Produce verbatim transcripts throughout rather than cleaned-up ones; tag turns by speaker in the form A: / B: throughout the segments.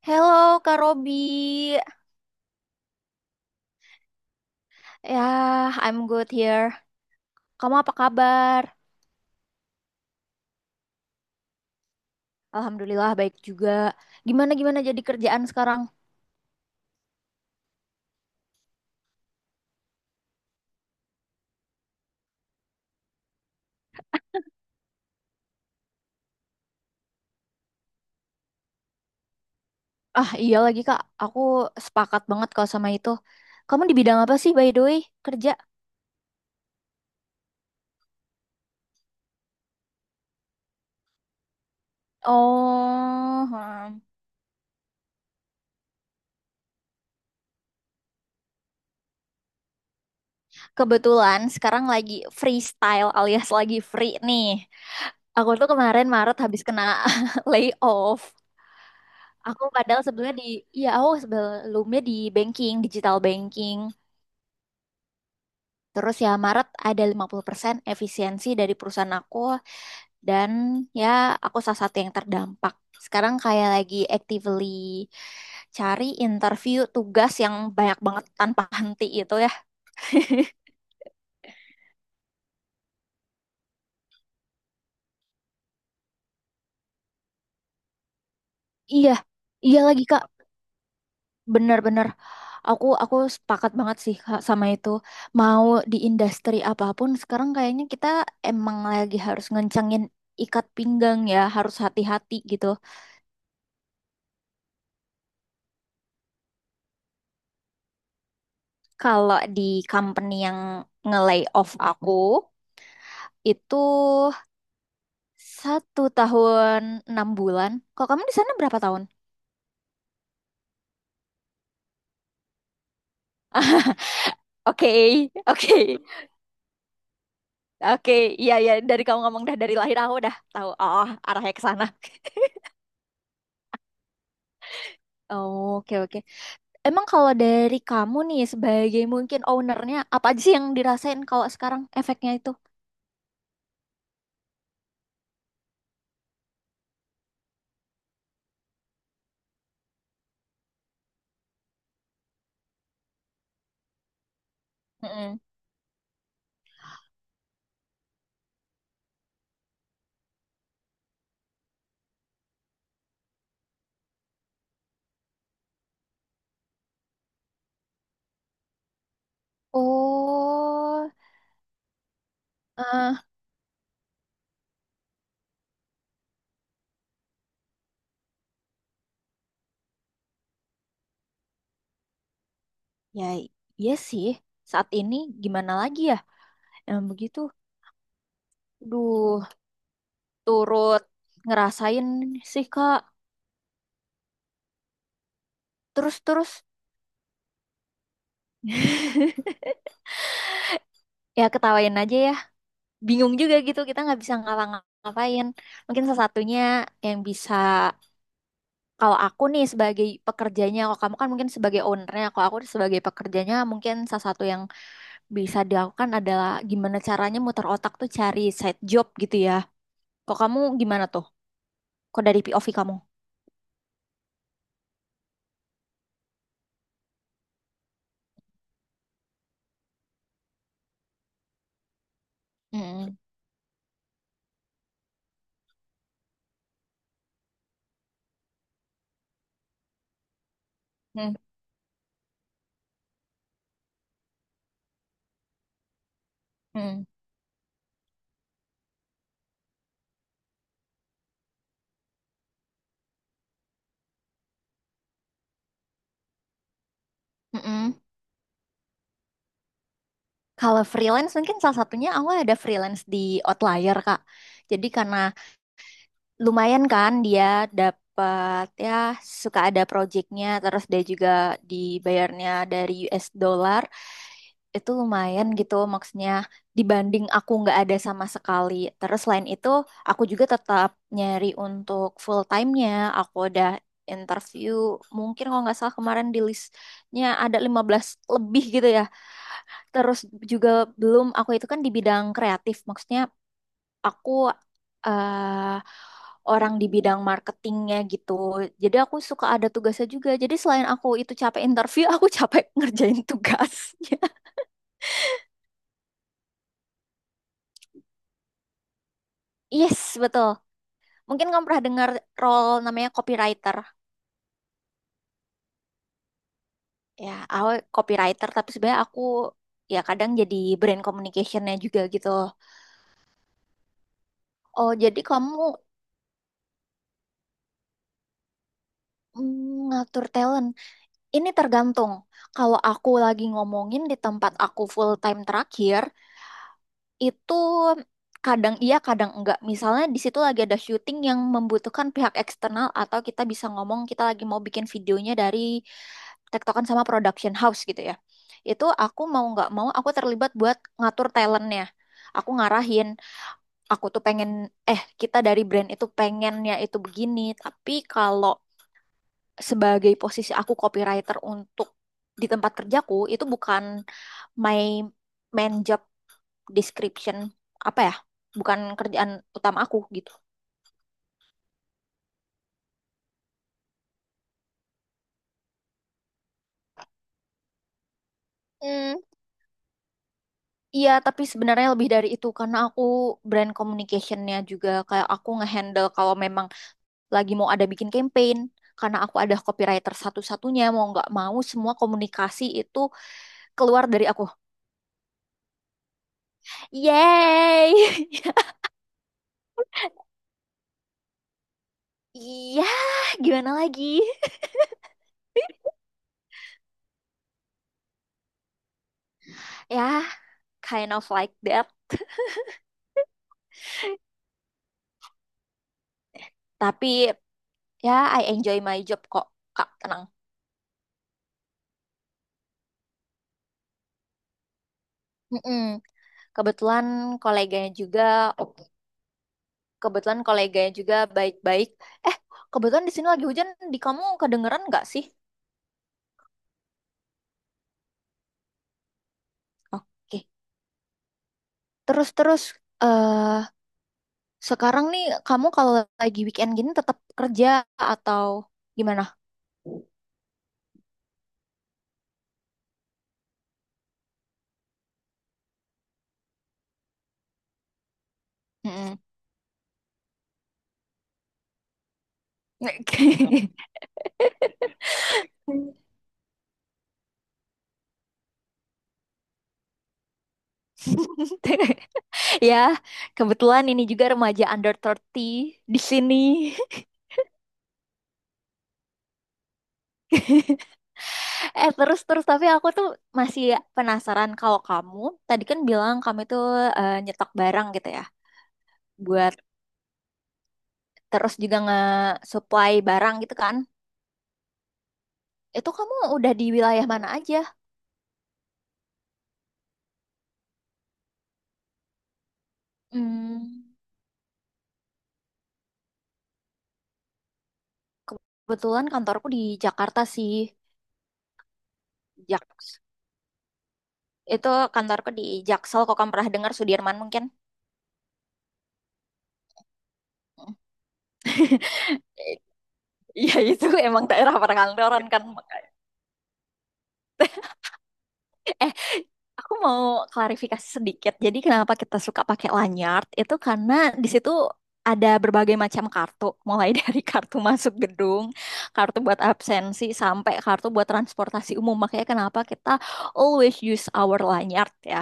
A: Hello, Kak Robi. Ya, I'm good here. Kamu apa kabar? Alhamdulillah baik juga. Gimana gimana jadi kerjaan sekarang? Ah, iya lagi Kak. Aku sepakat banget kalau sama itu. Kamu di bidang apa sih by the way kerja? Oh, hmm. Kebetulan sekarang lagi freestyle alias lagi free nih. Aku tuh kemarin Maret habis kena layoff. Aku padahal sebelumnya di, Iya, aku sebelumnya di banking, digital banking. Terus ya Maret ada lima puluh persen efisiensi dari perusahaan aku dan ya aku salah satu yang terdampak. Sekarang kayak lagi actively cari interview tugas yang banyak banget tanpa henti itu ya. Iya, iya lagi Kak. Bener-bener. Aku aku sepakat banget sih Kak sama itu. Mau di industri apapun sekarang kayaknya kita emang lagi harus ngencengin ikat pinggang ya, harus hati-hati gitu. Kalau di company yang nge-lay off aku itu satu tahun enam bulan. Kalau kamu di sana berapa tahun? Oke, oke, oke. Iya, iya. Dari kamu ngomong dah dari lahir aku dah tahu. Oh, arahnya ke sana. Oh, oke, oke. Emang kalau dari kamu nih sebagai mungkin ownernya, apa aja sih yang dirasain kalau sekarang efeknya itu? Mm-mm. Oh, eh ya, iya sih. Saat ini gimana lagi ya? Emang begitu. Duh. Turut ngerasain sih Kak. Terus-terus ya ketawain aja ya. Bingung juga gitu kita nggak bisa ngapa-ngapain. Mungkin salah satunya yang bisa kalau aku nih sebagai pekerjanya, kalau kamu kan mungkin sebagai ownernya, kalau aku sebagai pekerjanya mungkin salah satu yang bisa dilakukan adalah gimana caranya muter otak tuh cari side job gitu ya. Kok kamu gimana tuh? Kok dari P O V kamu? Mm-mm. Mm-mm. Mm-mm. Kalau freelance mungkin salah satunya aku ada freelance di Outlier, Kak. Jadi karena lumayan kan dia dapat ya suka ada projectnya, terus dia juga dibayarnya dari U S dollar. Itu lumayan gitu maksudnya dibanding aku nggak ada sama sekali. Terus selain itu aku juga tetap nyari untuk full time-nya. Aku udah interview mungkin kalau nggak salah kemarin di listnya ada lima belas lebih gitu ya. Terus juga belum, aku itu kan di bidang kreatif, maksudnya aku eh orang di bidang marketingnya gitu. Jadi aku suka ada tugasnya juga. Jadi selain aku itu capek interview, aku capek ngerjain tugasnya. Yes, betul. Mungkin kamu pernah dengar role namanya copywriter. Ya, aku copywriter, tapi sebenarnya aku ya kadang jadi brand communicationnya juga gitu. Oh, jadi kamu mm, ngatur talent. Ini tergantung. Kalau aku lagi ngomongin di tempat aku full time terakhir, itu kadang iya, kadang enggak. Misalnya di situ lagi ada syuting yang membutuhkan pihak eksternal atau kita bisa ngomong kita lagi mau bikin videonya dari tektokan sama production house gitu ya. Itu aku mau nggak mau aku terlibat buat ngatur talentnya. Aku ngarahin, aku tuh pengen, eh kita dari brand itu pengennya itu begini, tapi kalau sebagai posisi aku copywriter untuk di tempat kerjaku itu bukan my main job description, apa ya, bukan kerjaan utama aku gitu. Hmm, iya tapi sebenarnya lebih dari itu karena aku brand communicationnya juga, kayak aku ngehandle kalau memang lagi mau ada bikin campaign. Karena aku ada copywriter satu-satunya, mau nggak mau semua komunikasi itu keluar dari aku. Yay. Iya, gimana lagi. Ya, yeah, kind of like that. Tapi ya I enjoy my job kok, Kak, tenang. Mm-mm. Kebetulan koleganya juga, ok, kebetulan koleganya juga baik-baik. Eh, kebetulan di sini lagi hujan, di kamu kedengeran nggak sih? Oke, terus-terus. eh Sekarang nih kamu kalau lagi weekend gini tetap kerja atau gimana? Mm-mm. Ya, kebetulan ini juga remaja under tiga puluh di sini. Eh, terus terus tapi aku tuh masih penasaran, kalau kamu tadi kan bilang kamu itu eh, nyetok barang gitu ya buat, terus juga nge-supply barang gitu kan, itu kamu udah di wilayah mana aja? Hmm, kebetulan kantorku di Jakarta sih. Jak itu kantorku di Jaksel, kok, kamu pernah dengar Sudirman mungkin? Iya itu emang daerah perkantoran kan. Aku mau klarifikasi sedikit. Jadi kenapa kita suka pakai lanyard itu karena di situ ada berbagai macam kartu, mulai dari kartu masuk gedung, kartu buat absensi, sampai kartu buat transportasi umum. Makanya kenapa kita always use our lanyard ya.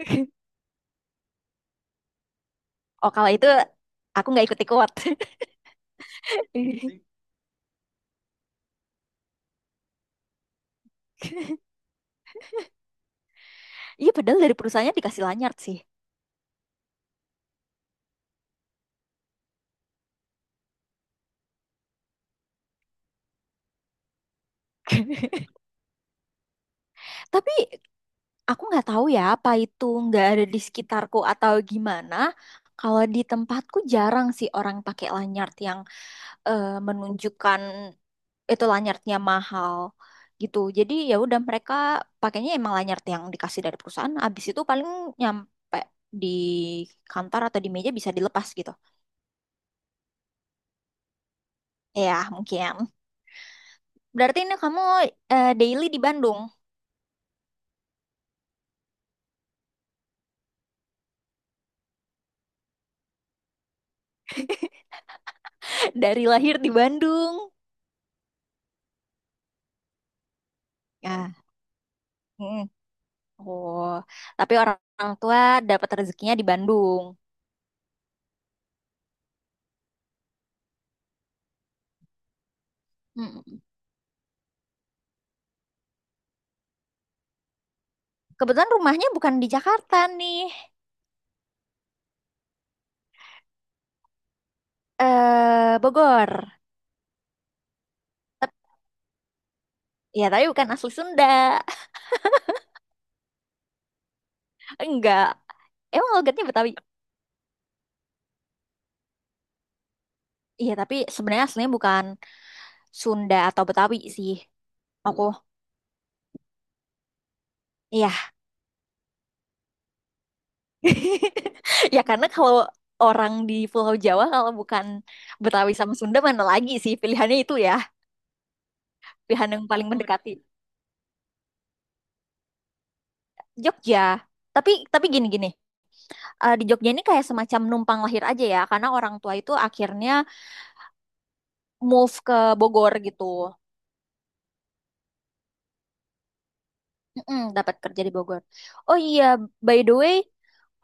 A: Oh kalau itu aku nggak ikut-ikut. Iya padahal dari perusahaannya dikasih lanyard sih. Tapi aku nggak tahu ya apa itu nggak ada di sekitarku atau gimana. Kalau di tempatku jarang sih orang pakai lanyard yang eh, menunjukkan itu lanyardnya mahal gitu. Jadi ya udah mereka pakainya emang lanyard yang dikasih dari perusahaan. Abis itu paling nyampe di kantor atau di meja bisa dilepas gitu. Ya mungkin. Berarti ini kamu eh, daily di Bandung, dari lahir di Bandung. Ya. Mm. Oh, tapi orang orang tua dapat rezekinya di Bandung. Mm. Kebetulan rumahnya bukan di Jakarta nih. Eh, Bogor. Tep- Ya, tapi bukan asli Sunda. Enggak. Emang logatnya Betawi. Iya, tapi sebenarnya aslinya bukan Sunda atau Betawi sih. Aku, iya. Ya karena kalau orang di Pulau Jawa kalau bukan Betawi sama Sunda mana lagi sih pilihannya itu ya, pilihan yang paling mendekati. Jogja. Tapi tapi gini-gini. Eh, di Jogja ini kayak semacam numpang lahir aja ya, karena orang tua itu akhirnya move ke Bogor gitu. Mm-mm, dapat kerja di Bogor. Oh iya, by the way,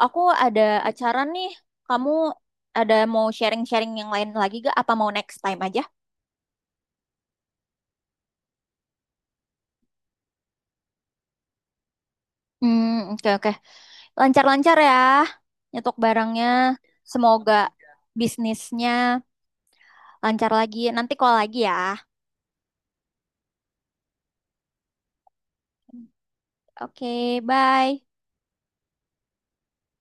A: aku ada acara nih. Kamu ada mau sharing-sharing yang lain lagi gak? Apa mau next time aja? Hmm, oke oke. Lancar-lancar ya, nyetok barangnya. Semoga bisnisnya lancar lagi. Nanti call lagi ya. Oke, bye.